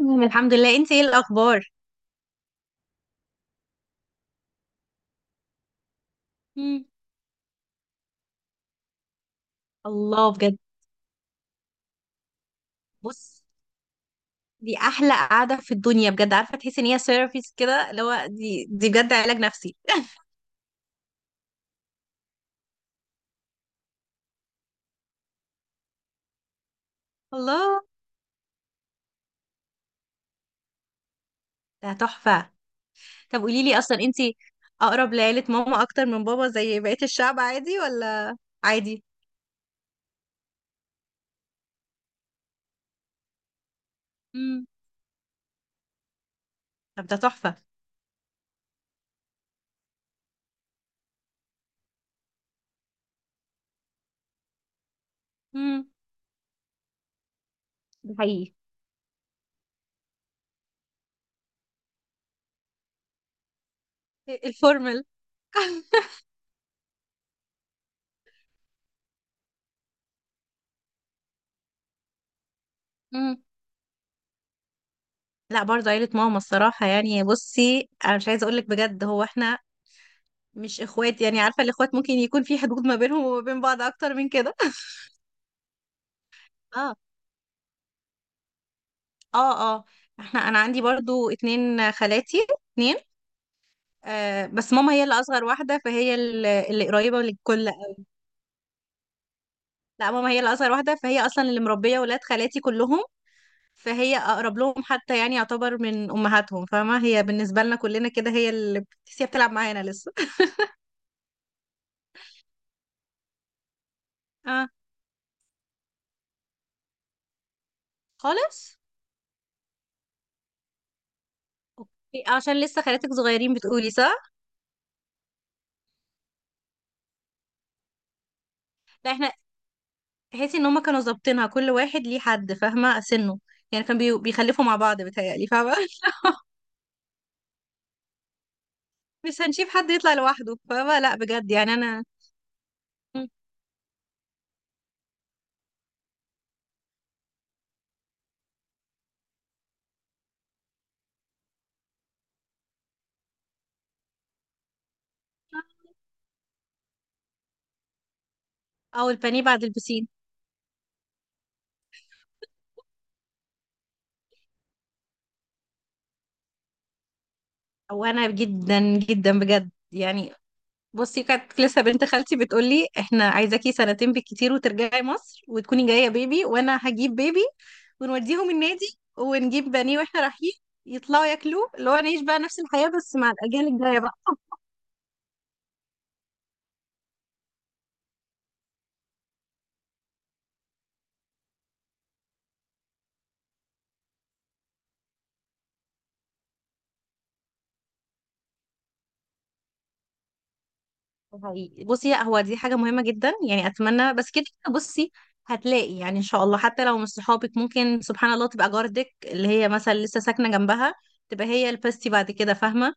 تمام، الحمد لله. انت ايه الاخبار؟ مم. الله بجد. بص، دي احلى قعده في الدنيا بجد. عارفه تحسي ان هي ثيرابيست كده، اللي هو دي بجد علاج نفسي. الله، ده تحفه. طب قولي لي اصلا، انت اقرب لعيله ماما اكتر من بابا زي بقيه الشعب، عادي ولا؟ عادي. مم. طب ده تحفه. مم. ده حقيقي. الفورمال. مم. لا برضه عيله ماما الصراحه. يعني بصي، انا مش عايزه اقول لك بجد، هو احنا مش اخوات، يعني عارفه الاخوات ممكن يكون في حدود ما بينهم وما بين بعض اكتر من كده. اه، اه، اه. انا عندي برضو اتنين خالاتي، اتنين. آه، بس ماما هي اللي اصغر واحده، فهي اللي قريبه للكل. لا، ماما هي اللي اصغر واحده، فهي اصلا اللي مربيه ولاد خالاتي كلهم. فهي اقرب لهم، حتى يعني يعتبر من امهاتهم، فاهمه؟ هي بالنسبه لنا كلنا كده، هي اللي بتحسيها بتلعب معانا لسه. اه، خالص. إيه، عشان لسه خالاتك صغيرين بتقولي صح؟ لا احنا، تحسي ان هما كانوا ظابطينها، كل واحد ليه حد فاهمه سنه. يعني كان بيخلفوا مع بعض بيتهيألي، فاهمه؟ مش هنشوف حد يطلع لوحده، فاهمه؟ لا بجد، يعني انا. مم. او البانيه بعد البسين. وانا جدا جدا بجد، يعني بصي، كانت لسه بنت خالتي بتقول لي احنا عايزاكي سنتين بالكتير وترجعي مصر وتكوني جايه بيبي، وانا هجيب بيبي، ونوديهم النادي، ونجيب بانيه واحنا رايحين يطلعوا ياكلوه، اللي هو نعيش بقى نفس الحياه بس مع الاجيال الجايه بقى. حقيقي. بصي لا، هو دي حاجة مهمة جدا، يعني أتمنى، بس كده كده بصي هتلاقي يعني إن شاء الله، حتى لو مش صحابك، ممكن سبحان الله تبقى جارتك اللي هي مثلا لسه ساكنة جنبها تبقى هي البستي بعد كده، فاهمة؟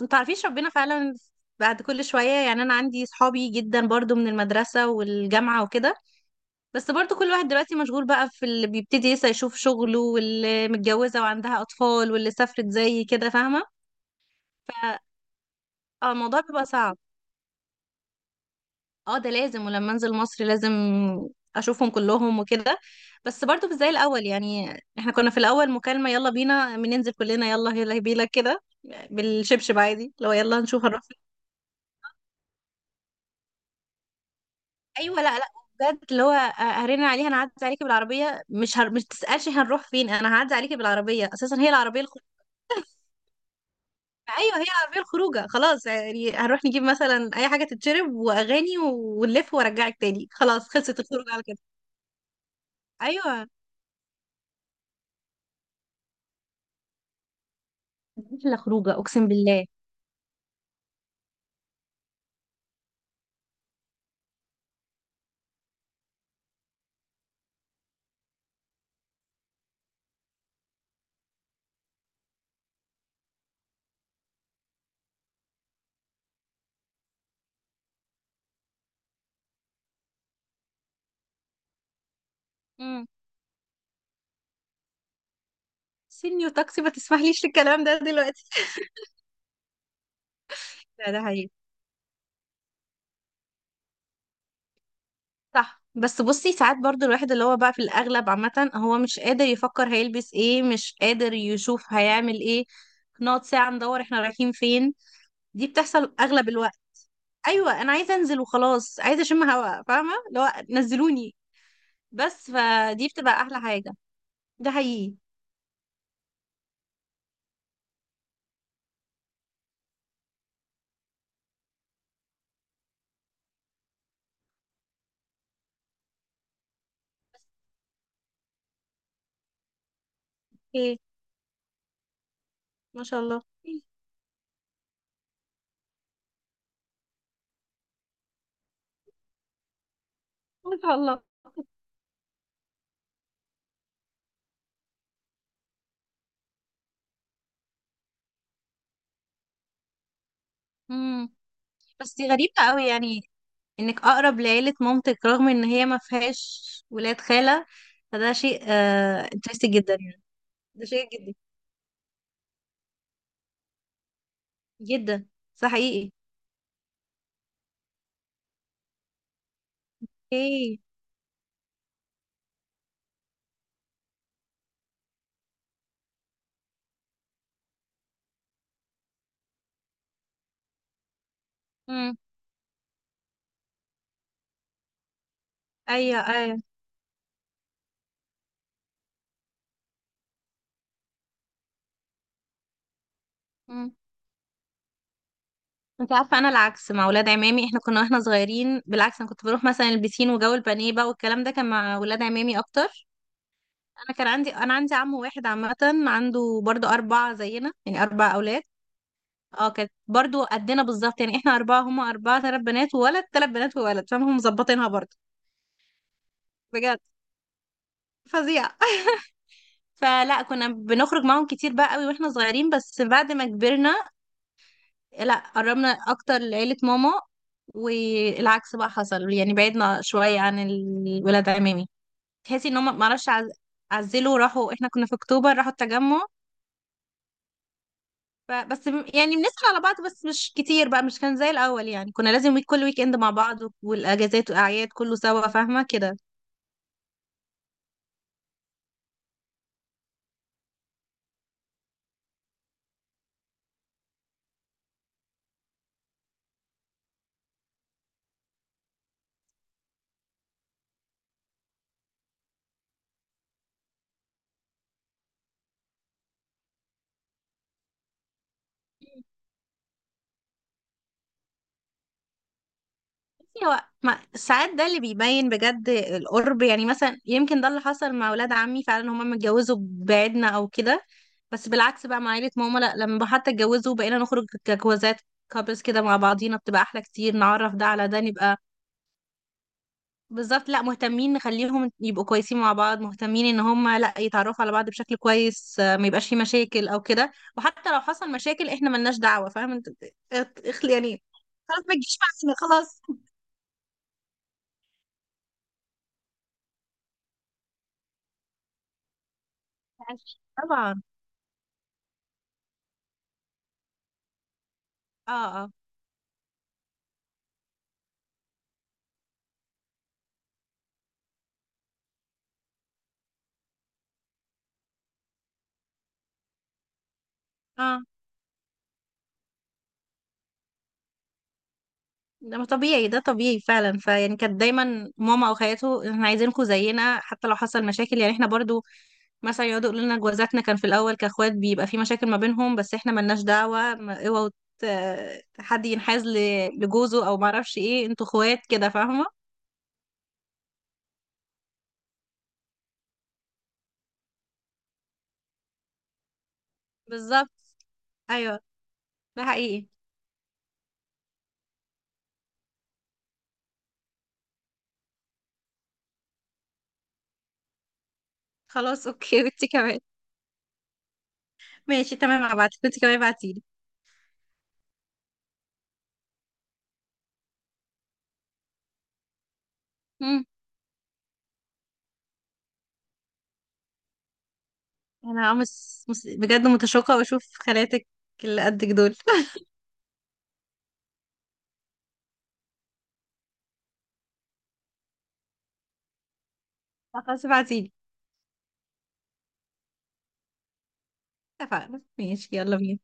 ما تعرفيش ربنا فعلا. بعد كل شوية، يعني أنا عندي صحابي جدا برضو من المدرسة والجامعة وكده، بس برضو كل واحد دلوقتي مشغول بقى، في اللي بيبتدي لسه يشوف شغله، واللي متجوزة وعندها أطفال، واللي سافرت زي كده، فاهمة؟ ف اه، الموضوع بيبقى صعب. اه، ده لازم، ولما انزل مصر لازم اشوفهم كلهم وكده، بس برضو مش زي الاول يعني. احنا كنا في الاول مكالمة يلا بينا، بننزل كلنا، يلا يلا بينا كده، بالشبشب عادي. لو يلا نشوف هنروح فين. ايوه، لا لا، بجد اللي هو هرن عليه، هنعدي عليكي بالعربية، مش تسألش هنروح فين، انا هعدي عليكي بالعربية اساسا، هي العربية الخروج. ايوه، هي العربية الخروجة خلاص، يعني هنروح نجيب مثلا اي حاجة تتشرب واغاني ونلف وارجعك تاني، خلاص خلصت الخروج على كده. ايوه. لا خروجه اقسم بالله. امم سينيور تاكسي ما تسمحليش الكلام ده دلوقتي. لا ده حقيقي. صح، بس بصي ساعات برضو الواحد اللي هو بقى في الأغلب عامة هو مش قادر يفكر هيلبس ايه، مش قادر يشوف هيعمل ايه، نقعد ساعة ندور احنا رايحين فين. دي بتحصل أغلب الوقت. أيوة، أنا عايزة أنزل وخلاص، عايزة أشم هوا فاهمة، اللي هو نزلوني بس، فدي بتبقى أحلى حاجة. ده حقيقي. ايه، ما شاء الله. ما شاء الله. امم بس دي غريبة قوي، يعني انك اقرب لعيلة مامتك رغم ان هي ما فيهاش ولاد خالة، فده شيء انترستنج جدا يعني. ده شيء جدا جدا. ده حقيقي. ايه. امم. ايوه، ايوه. امم. انت عارفة، انا العكس مع ولاد عمامي. احنا كنا واحنا صغيرين بالعكس، انا كنت بروح مثلا البسين وجو البانيه بقى، والكلام ده كان مع ولاد عمامي اكتر. انا عندي عم واحد عامة، عنده برضه اربعة زينا، يعني اربع اولاد. اه، كانت برضو قدنا بالظبط. يعني احنا اربعه هما اربعه، ثلاث بنات وولد، ثلاث بنات وولد، فهم مظبطينها برضو. بجد فظيع. فلا، كنا بنخرج معاهم كتير بقى قوي واحنا صغيرين، بس بعد ما كبرنا، لا قربنا اكتر لعيلة ماما، والعكس بقى حصل، يعني بعدنا شوية عن الولاد عمامي. تحسي ان هم معرفش، عزلوا راحوا، احنا كنا في اكتوبر راحوا التجمع. بس يعني بنسأل على بعض بس مش كتير بقى، مش كان زي الأول يعني. كنا لازم كل ويك اند مع بعض والأجازات والأعياد كله سوا، فاهمة كده. بصي، هو ساعات ده اللي بيبين بجد القرب، يعني مثلا يمكن ده اللي حصل مع ولاد عمي فعلا، هما متجوزوا بعيدنا أو كده. بس بالعكس بقى مع عيلة ماما، لا لما حتى اتجوزوا بقينا نخرج كجوازات، كابلز كده مع بعضينا، بتبقى أحلى كتير، نعرف ده على ده نبقى. بالظبط، لا مهتمين نخليهم يبقوا كويسين مع بعض، مهتمين ان هم لا يتعرفوا على بعض بشكل كويس، ما يبقاش في مشاكل او كده، وحتى لو حصل مشاكل احنا ملناش دعوة، فاهم انت؟ اخلي يعني، خلاص ما تجيش معانا خلاص. طبعا. اه، اه، اه. ده ما طبيعي، ده طبيعي فعلا. فيعني كانت دايما ماما او خالته احنا عايزينكم زينا، حتى لو حصل مشاكل، يعني احنا برضو مثلا يقعدوا يقولوا لنا جوازاتنا، كان في الاول كاخوات بيبقى في مشاكل ما بينهم، بس احنا ملناش دعوه. اوعوا حد ينحاز لجوزه او ما اعرفش ايه، انتوا اخوات كده فاهمه. بالظبط. ايوه. ده حقيقي. خلاص اوكي. وانت كمان. ماشي تمام، هبعتلك، وانت كمان ابعتيلي. مم. انا بجد متشوقه واشوف خالاتك اللي قدك دول. خلاص ابعتيلي. اتفقنا، ماشي، يلا بينا.